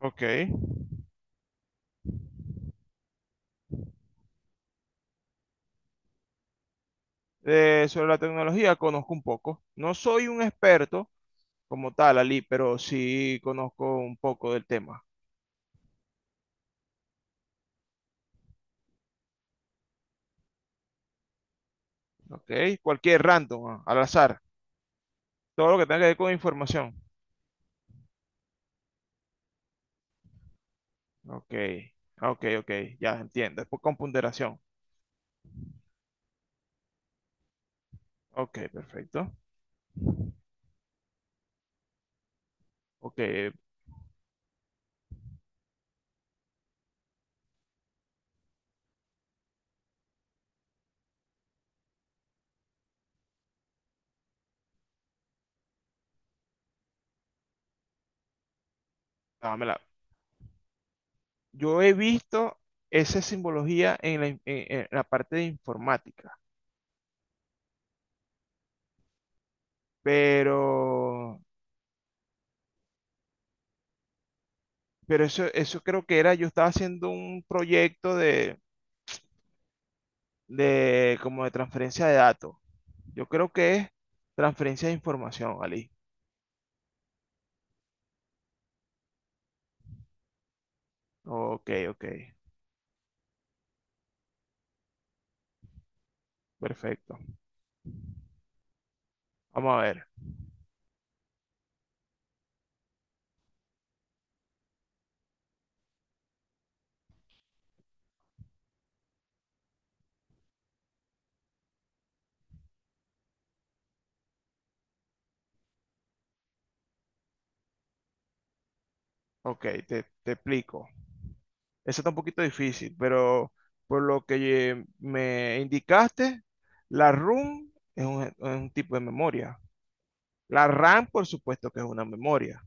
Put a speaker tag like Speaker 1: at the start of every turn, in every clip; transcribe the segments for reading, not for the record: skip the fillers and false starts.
Speaker 1: Ok. Sobre la tecnología conozco un poco. No soy un experto como tal, Ali, pero sí conozco un poco del tema. Ok. Cualquier random, al azar. Todo lo que tenga que ver con información. Ok. Ok, ok. Ya entiendo. Es con ponderación. Ok, perfecto. Ok, dámela. Yo he visto esa simbología en la, en la parte de informática, pero, pero eso creo que era, yo estaba haciendo un proyecto de como de transferencia de datos. Yo creo que es transferencia de información, Ali. Ok, ok, perfecto. Vamos a ver. Ok, te explico. Eso está un poquito difícil, pero por lo que me indicaste, la ROM es es un tipo de memoria. La RAM, por supuesto que es una memoria.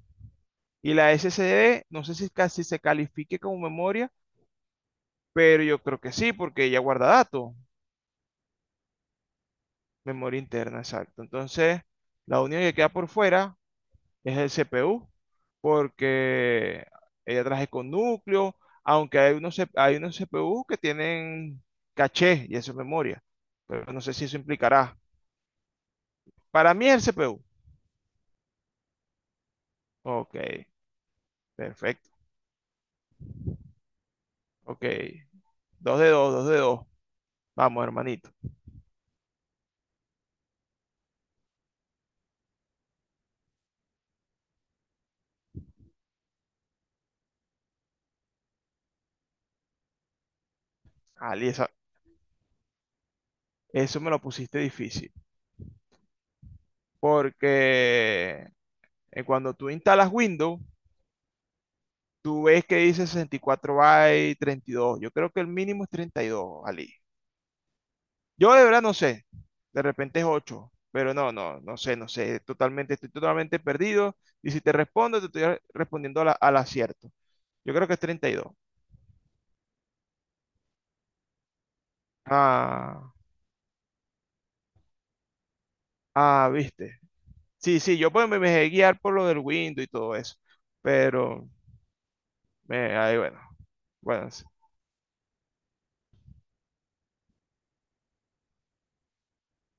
Speaker 1: Y la SSD, no sé si casi se califique como memoria, pero yo creo que sí, porque ella guarda datos. Memoria interna, exacto. Entonces, la única que queda por fuera es el CPU, porque ella traje con núcleo, aunque hay unos, hay unos CPU que tienen caché y eso es memoria, pero no sé si eso implicará. Para mí es el CPU. Ok, perfecto. Ok, dos de dos, dos de dos. Vamos, hermanito. Ali, eso me lo pusiste difícil, porque cuando tú instalas Windows, tú ves que dice 64 bytes, 32. Yo creo que el mínimo es 32, Ali. Yo de verdad no sé. De repente es ocho. Pero no, no, no sé, no sé. Totalmente, estoy totalmente perdido. Y si te respondo, te estoy respondiendo a al acierto. Yo creo que es 32. Ah, ah, viste. Sí, sí, yo pues me dejé guiar por lo del Windows y todo eso. Pero, ahí bueno. Bueno, sí.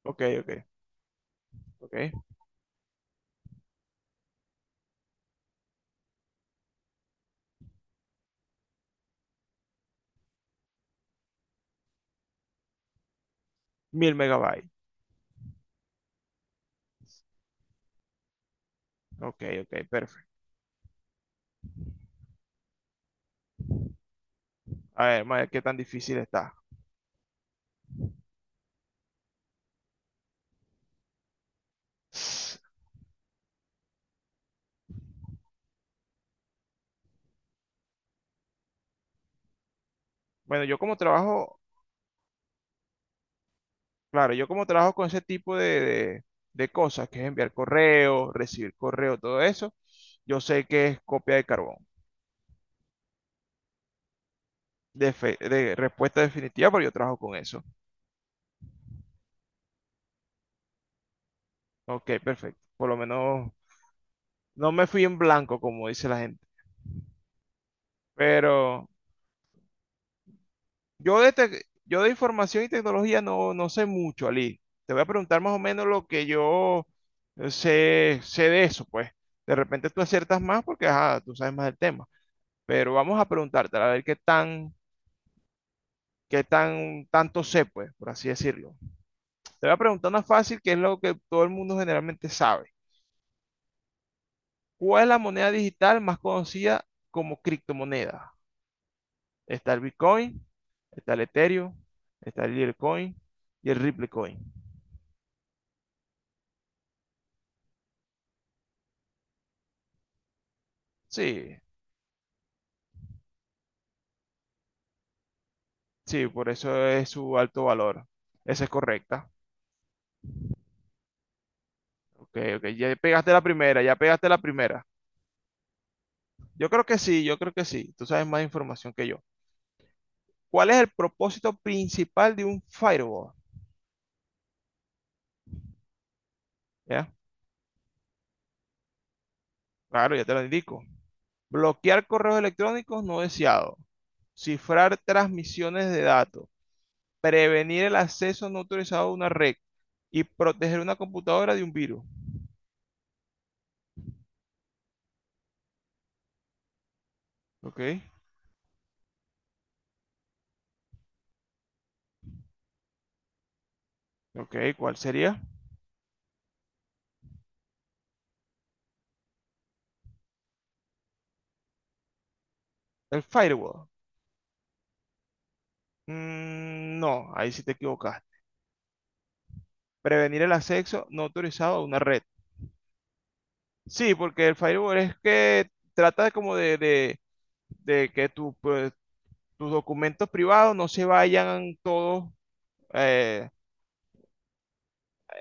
Speaker 1: Ok, ok, ok. Mil megabytes. Ok, ok, perfecto. A ver, vamos a ver qué tan difícil está. Bueno, yo como trabajo, claro, yo como trabajo con ese tipo de, de cosas, que es enviar correo, recibir correo, todo eso, yo sé que es copia de carbón, de, de respuesta definitiva, pero yo trabajo con eso. Ok, perfecto. Por lo menos no me fui en blanco, como dice la gente. Pero yo de, yo de información y tecnología no, no sé mucho, Ali. Te voy a preguntar más o menos lo que yo sé de eso, pues. De repente tú aciertas más porque, ajá, tú sabes más del tema. Pero vamos a preguntarte a ver qué tan, tanto sé, pues, por así decirlo. Te voy a preguntar una fácil, que es lo que todo el mundo generalmente sabe. ¿Cuál es la moneda digital más conocida como criptomoneda? Está el Bitcoin, está el Ethereum, está el Litecoin y el Ripple Coin. Sí, sí, por eso es su alto valor. Esa es correcta. Ok, ok, ya pegaste la primera, ya pegaste la primera. Yo creo que sí, yo creo que sí. Tú sabes más información que yo. ¿Cuál es el propósito principal de un firewall? ¿Ya? Claro, ya te lo indico. Bloquear correos electrónicos no deseados. Cifrar transmisiones de datos. Prevenir el acceso no autorizado a una red. Y proteger una computadora de un virus. Ok, ok, ¿cuál sería? El firewall. Mm, no, ahí sí te equivocas. Prevenir el acceso no autorizado a una red. Sí, porque el firewall es que trata como de que tu, pues, tus documentos privados no se vayan todos. eh,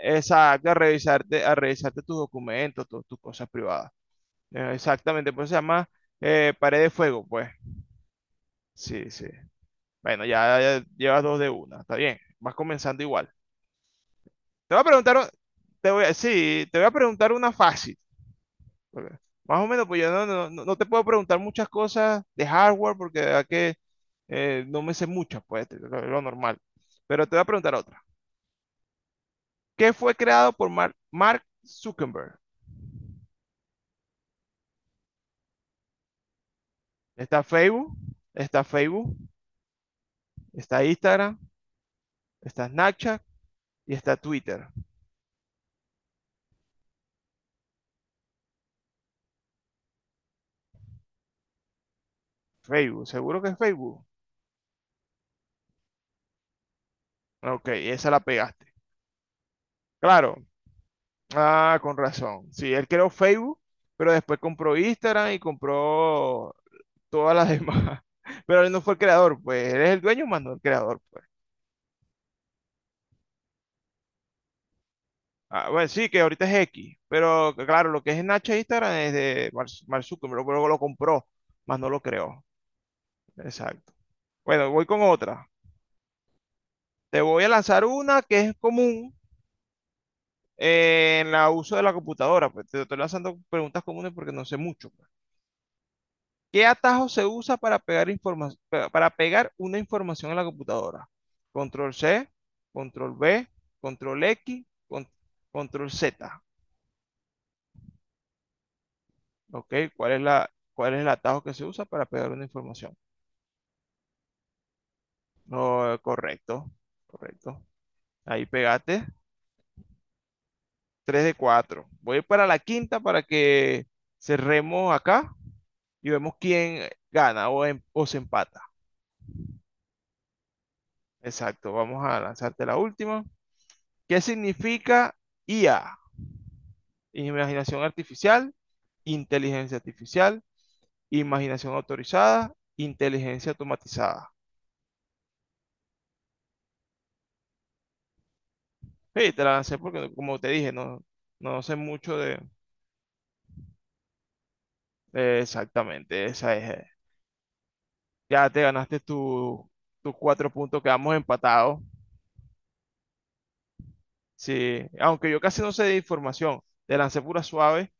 Speaker 1: exacto, a revisarte tus documentos, tus cosas privadas. Exactamente, pues se llama pared de fuego, pues. Sí, sí. Bueno, ya, ya llevas dos de una, está bien. Vas comenzando igual. Te voy a preguntar, te voy sí, te voy a preguntar una fácil. Porque más o menos, pues yo no, no te puedo preguntar muchas cosas de hardware porque de verdad que no me sé muchas, pues, de lo normal. Pero te voy a preguntar otra, que fue creado por Mark Zuckerberg. Está Facebook, está Instagram, está Snapchat y está Twitter. Facebook, seguro que es Facebook. Ok, esa la pegaste. Claro, con razón. Sí, él creó Facebook, pero después compró Instagram y compró todas las demás. Pero él no fue el creador, pues él es el dueño, más no el creador, pues. Ah, bueno, sí, que ahorita es X, pero claro, lo que es Snapchat e Instagram es de Mark Zuckerberg, pero lo compró, más no lo creó. Exacto. Bueno, voy con otra. Te voy a lanzar una que es común en el uso de la computadora. Pues te estoy lanzando preguntas comunes porque no sé mucho, pues. ¿Qué atajo se usa para pegar para pegar una información en la computadora? Control C, control V, control control Z. ¿Ok? ¿Cuál es cuál es el atajo que se usa para pegar una información? No, correcto, correcto. Ahí pegaste. Tres de cuatro. Voy para la quinta para que cerremos acá y vemos quién gana o se empata. Exacto, vamos a lanzarte la última. ¿Qué significa IA? Imaginación artificial, inteligencia artificial, imaginación autorizada, inteligencia automatizada. Sí, te la lancé porque, como te dije, no, no sé mucho de exactamente. Esa es. Ya te ganaste tus tu cuatro puntos, quedamos empatados. Sí, aunque yo casi no sé de información, de lancé pura suave,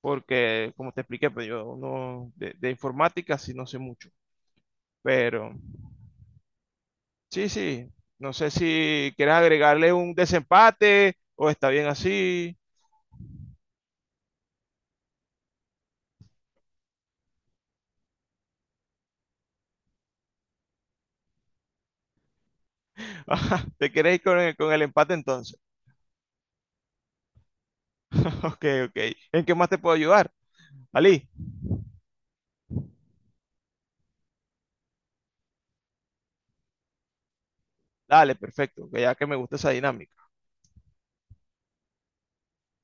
Speaker 1: porque como te expliqué, pues yo no, de informática sí no sé mucho, pero sí, sí, no sé si quieres agregarle un desempate o está bien así. Ajá, te quieres ir con el empate entonces. Ok, ok, ¿en qué más te puedo ayudar? Ali, dale, perfecto, que ya que me gusta esa dinámica.